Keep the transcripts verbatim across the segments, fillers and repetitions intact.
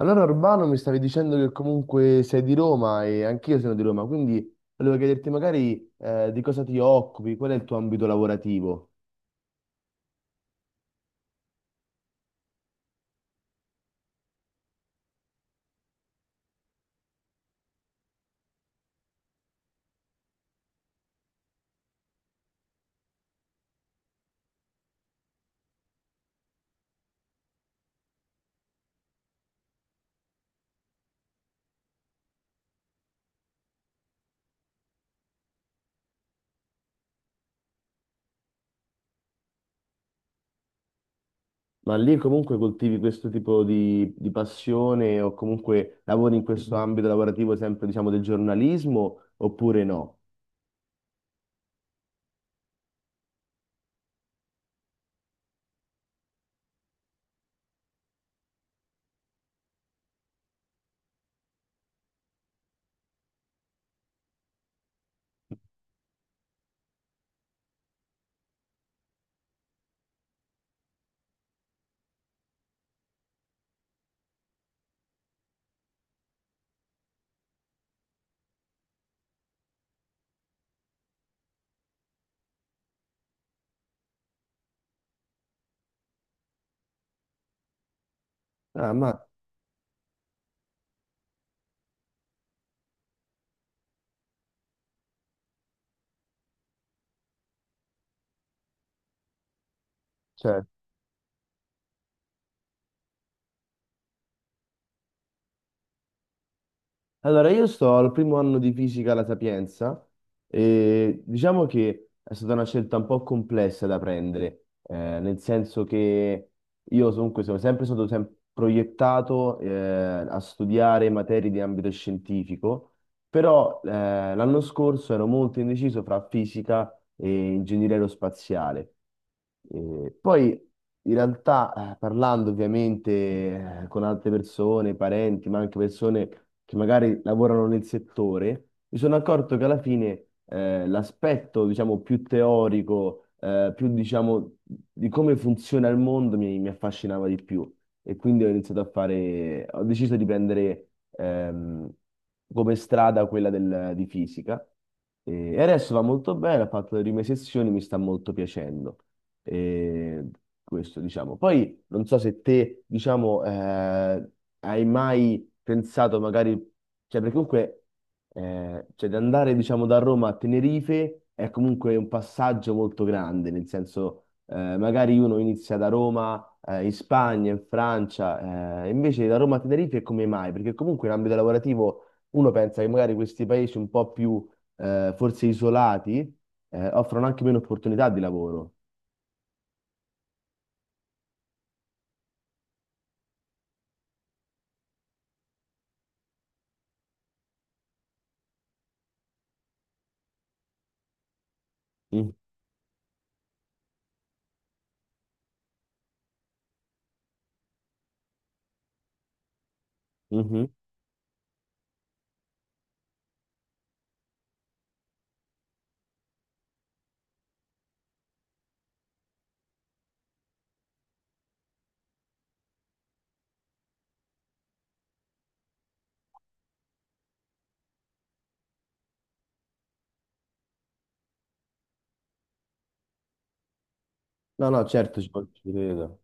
Allora, Urbano, mi stavi dicendo che comunque sei di Roma e anch'io sono di Roma, quindi volevo chiederti magari eh, di cosa ti occupi, qual è il tuo ambito lavorativo, ma lì comunque coltivi questo tipo di, di passione o comunque lavori in questo ambito lavorativo sempre, diciamo, del giornalismo oppure no? Ah, ma, cioè. Allora, io sto al primo anno di fisica alla Sapienza e diciamo che è stata una scelta un po' complessa da prendere, eh, nel senso che io comunque sono sempre stato sem- proiettato eh, a studiare materie di ambito scientifico, però eh, l'anno scorso ero molto indeciso fra fisica e ingegneria aerospaziale. Eh, poi in realtà, eh, parlando ovviamente eh, con altre persone, parenti, ma anche persone che magari lavorano nel settore, mi sono accorto che alla fine eh, l'aspetto, diciamo, più teorico, eh, più, diciamo, di come funziona il mondo mi, mi affascinava di più. E quindi ho iniziato a fare, ho deciso di prendere ehm, come strada quella del- di fisica. E adesso va molto bene, ho fatto le prime sessioni, mi sta molto piacendo. E questo, diciamo. Poi non so se te, diciamo, eh, hai mai pensato magari, cioè perché comunque, eh, cioè di andare, diciamo, da Roma a Tenerife è comunque un passaggio molto grande, nel senso, eh, magari uno inizia da Roma, eh, in Spagna, in Francia, eh, invece da Roma a Tenerife come mai? Perché comunque in ambito lavorativo uno pensa che magari questi paesi un po' più, eh, forse isolati, eh, offrono anche meno opportunità di lavoro. Mhm. No, no, certo ci po- ci credo.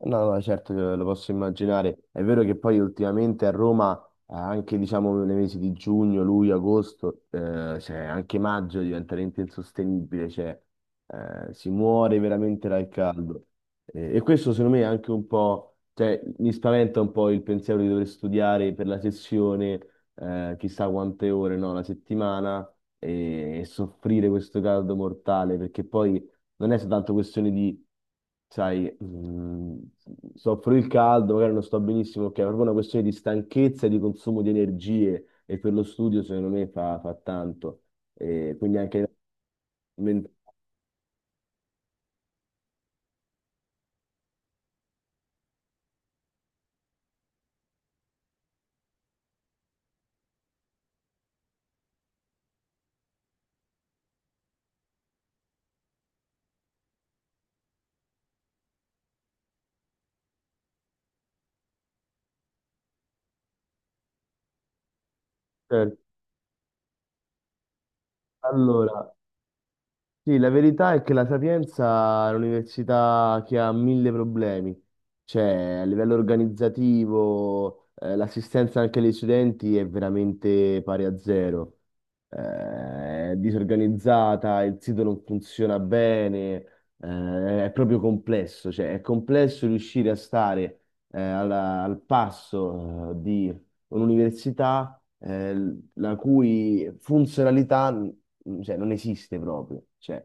No, no, certo che lo posso immaginare. È vero che poi ultimamente a Roma, eh, anche diciamo nei mesi di giugno, luglio, agosto, eh, cioè anche maggio diventa veramente insostenibile, cioè eh, si muore veramente dal caldo. Eh, e questo secondo me è anche un po', cioè mi spaventa un po' il pensiero di dover studiare per la sessione, eh, chissà quante ore, no, la settimana e, e soffrire questo caldo mortale, perché poi non è soltanto questione di, sai, mh, soffro il caldo, magari non sto benissimo, ok, è proprio una questione di stanchezza e di consumo di energie e per lo studio secondo me fa, fa tanto. E quindi anche... men- certo. Allora, sì, la verità è che la Sapienza è un'università che ha mille problemi, cioè a livello organizzativo, eh, l'assistenza anche agli studenti è veramente pari a zero. Eh, è disorganizzata, il sito non funziona bene, eh, è proprio complesso, cioè è complesso riuscire a stare eh, alla- al passo eh, di un'università eh, la cui funzionalità mm, cioè, non esiste proprio. Cioè,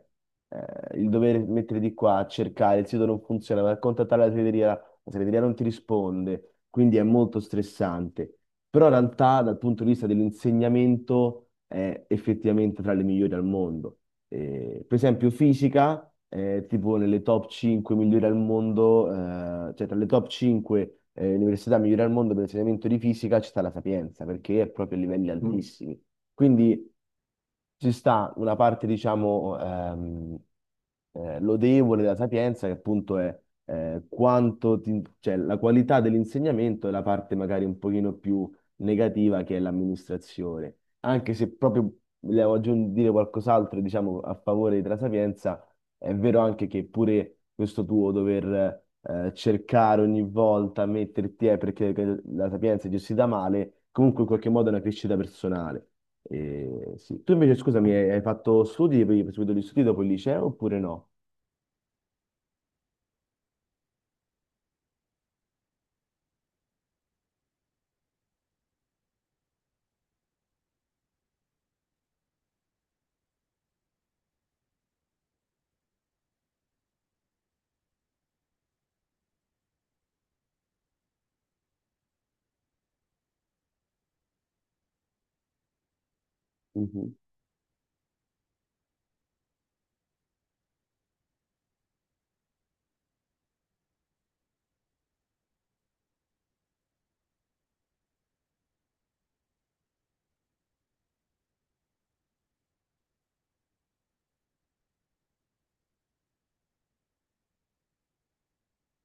eh, il dover mettere di qua a cercare, il sito non funziona, va a contattare la segreteria, la segreteria non ti risponde, quindi è molto stressante. Però in realtà dal punto di vista dell'insegnamento è effettivamente tra le migliori al mondo. Eh, per esempio fisica, eh, tipo nelle top cinque migliori al mondo, eh, cioè tra le top cinque eh, università migliori al mondo per l'insegnamento di fisica c'è sta la Sapienza, perché è proprio a livelli Mm. altissimi. Quindi ci sta una parte, diciamo, ehm, eh, lodevole della Sapienza, che appunto è eh, quanto ti- cioè, la qualità dell'insegnamento e la parte magari un pochino più negativa che è l'amministrazione. Anche se proprio volevo aggiungere dire qualcos'altro, diciamo, a favore della Sapienza, è vero anche che pure questo tuo dover eh, cercare ogni volta, metterti, eh, perché la Sapienza è gestita male, comunque in qualche modo è una crescita personale. Eh, sì. Tu invece, scusami, hai hai fatto studi, hai proseguito gli studi dopo il liceo oppure no?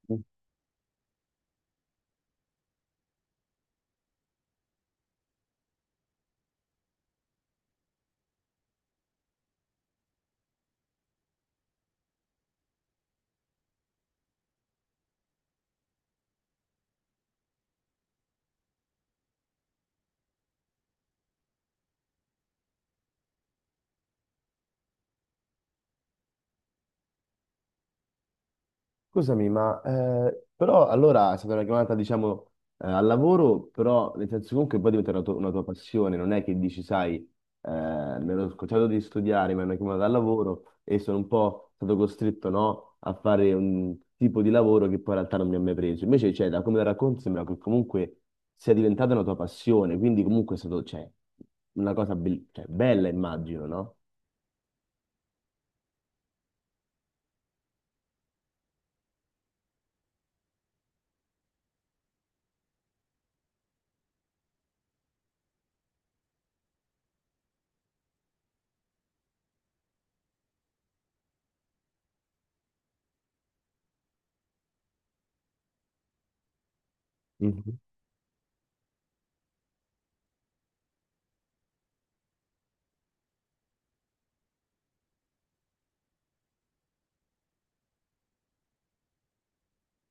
Mhm. Scusami, ma eh, però allora è stata una chiamata, diciamo, eh, al lavoro, però nel senso comunque poi diventa una, tua una tua passione, non è che dici, sai, eh, mi ero scocciato di studiare, mi hanno chiamato al lavoro e sono un po' stato costretto, no, a fare un tipo di lavoro che poi in realtà non mi ha mai preso. Invece, cioè, da come la racconti sembra che comunque sia diventata una tua passione, quindi comunque è stato, cioè, una cosa bell- cioè, bella, immagino, no? Mhm,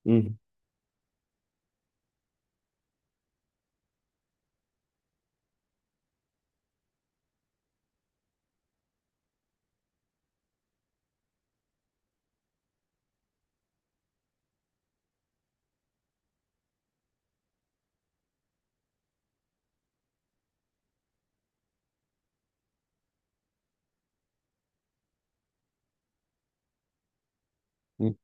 mhm, mhm.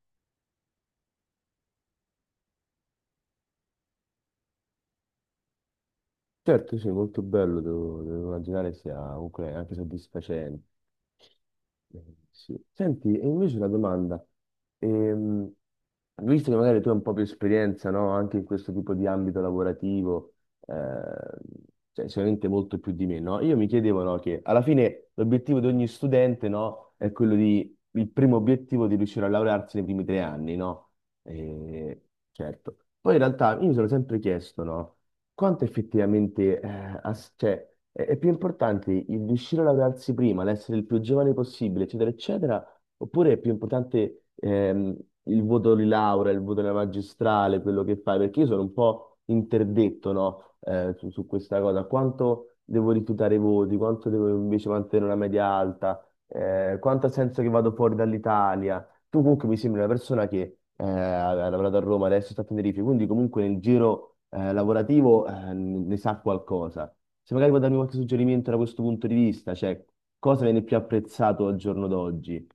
Certo, sì, molto bello, devo, devo immaginare sia comunque anche soddisfacente. Eh, sì. Senti, e invece una domanda, Ehm, visto che magari tu hai un po' più esperienza, no, anche in questo tipo di ambito lavorativo, ehm, cioè sicuramente molto più di me, no? Io mi chiedevo, no, che alla fine l'obiettivo di ogni studente, no, è quello di, il primo obiettivo di riuscire a laurearsi nei primi tre anni, no? Eh, certo. Poi in realtà io mi sono sempre chiesto, no? Quanto effettivamente eh, as- cioè, è, è più importante il riuscire a laurearsi prima, l'essere il più giovane possibile, eccetera, eccetera, oppure è più importante ehm, il voto di laurea, il voto della magistrale, quello che fai? Perché io sono un po' interdetto, no, eh, su, su questa cosa. Quanto devo rifiutare i voti, quanto devo invece mantenere una media alta, eh, quanto ha senso che vado fuori dall'Italia? Tu comunque mi sembri una persona che eh, ha ha lavorato a Roma, adesso sta a Tenerife, quindi comunque nel giro eh, lavorativo eh, ne sa qualcosa. Se magari puoi darmi qualche suggerimento da questo punto di vista, cioè cosa viene più apprezzato al giorno d'oggi?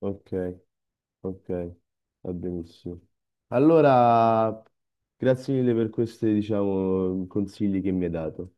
Ok, ok, va benissimo. Allora, grazie mille per questi, diciamo, consigli che mi hai dato.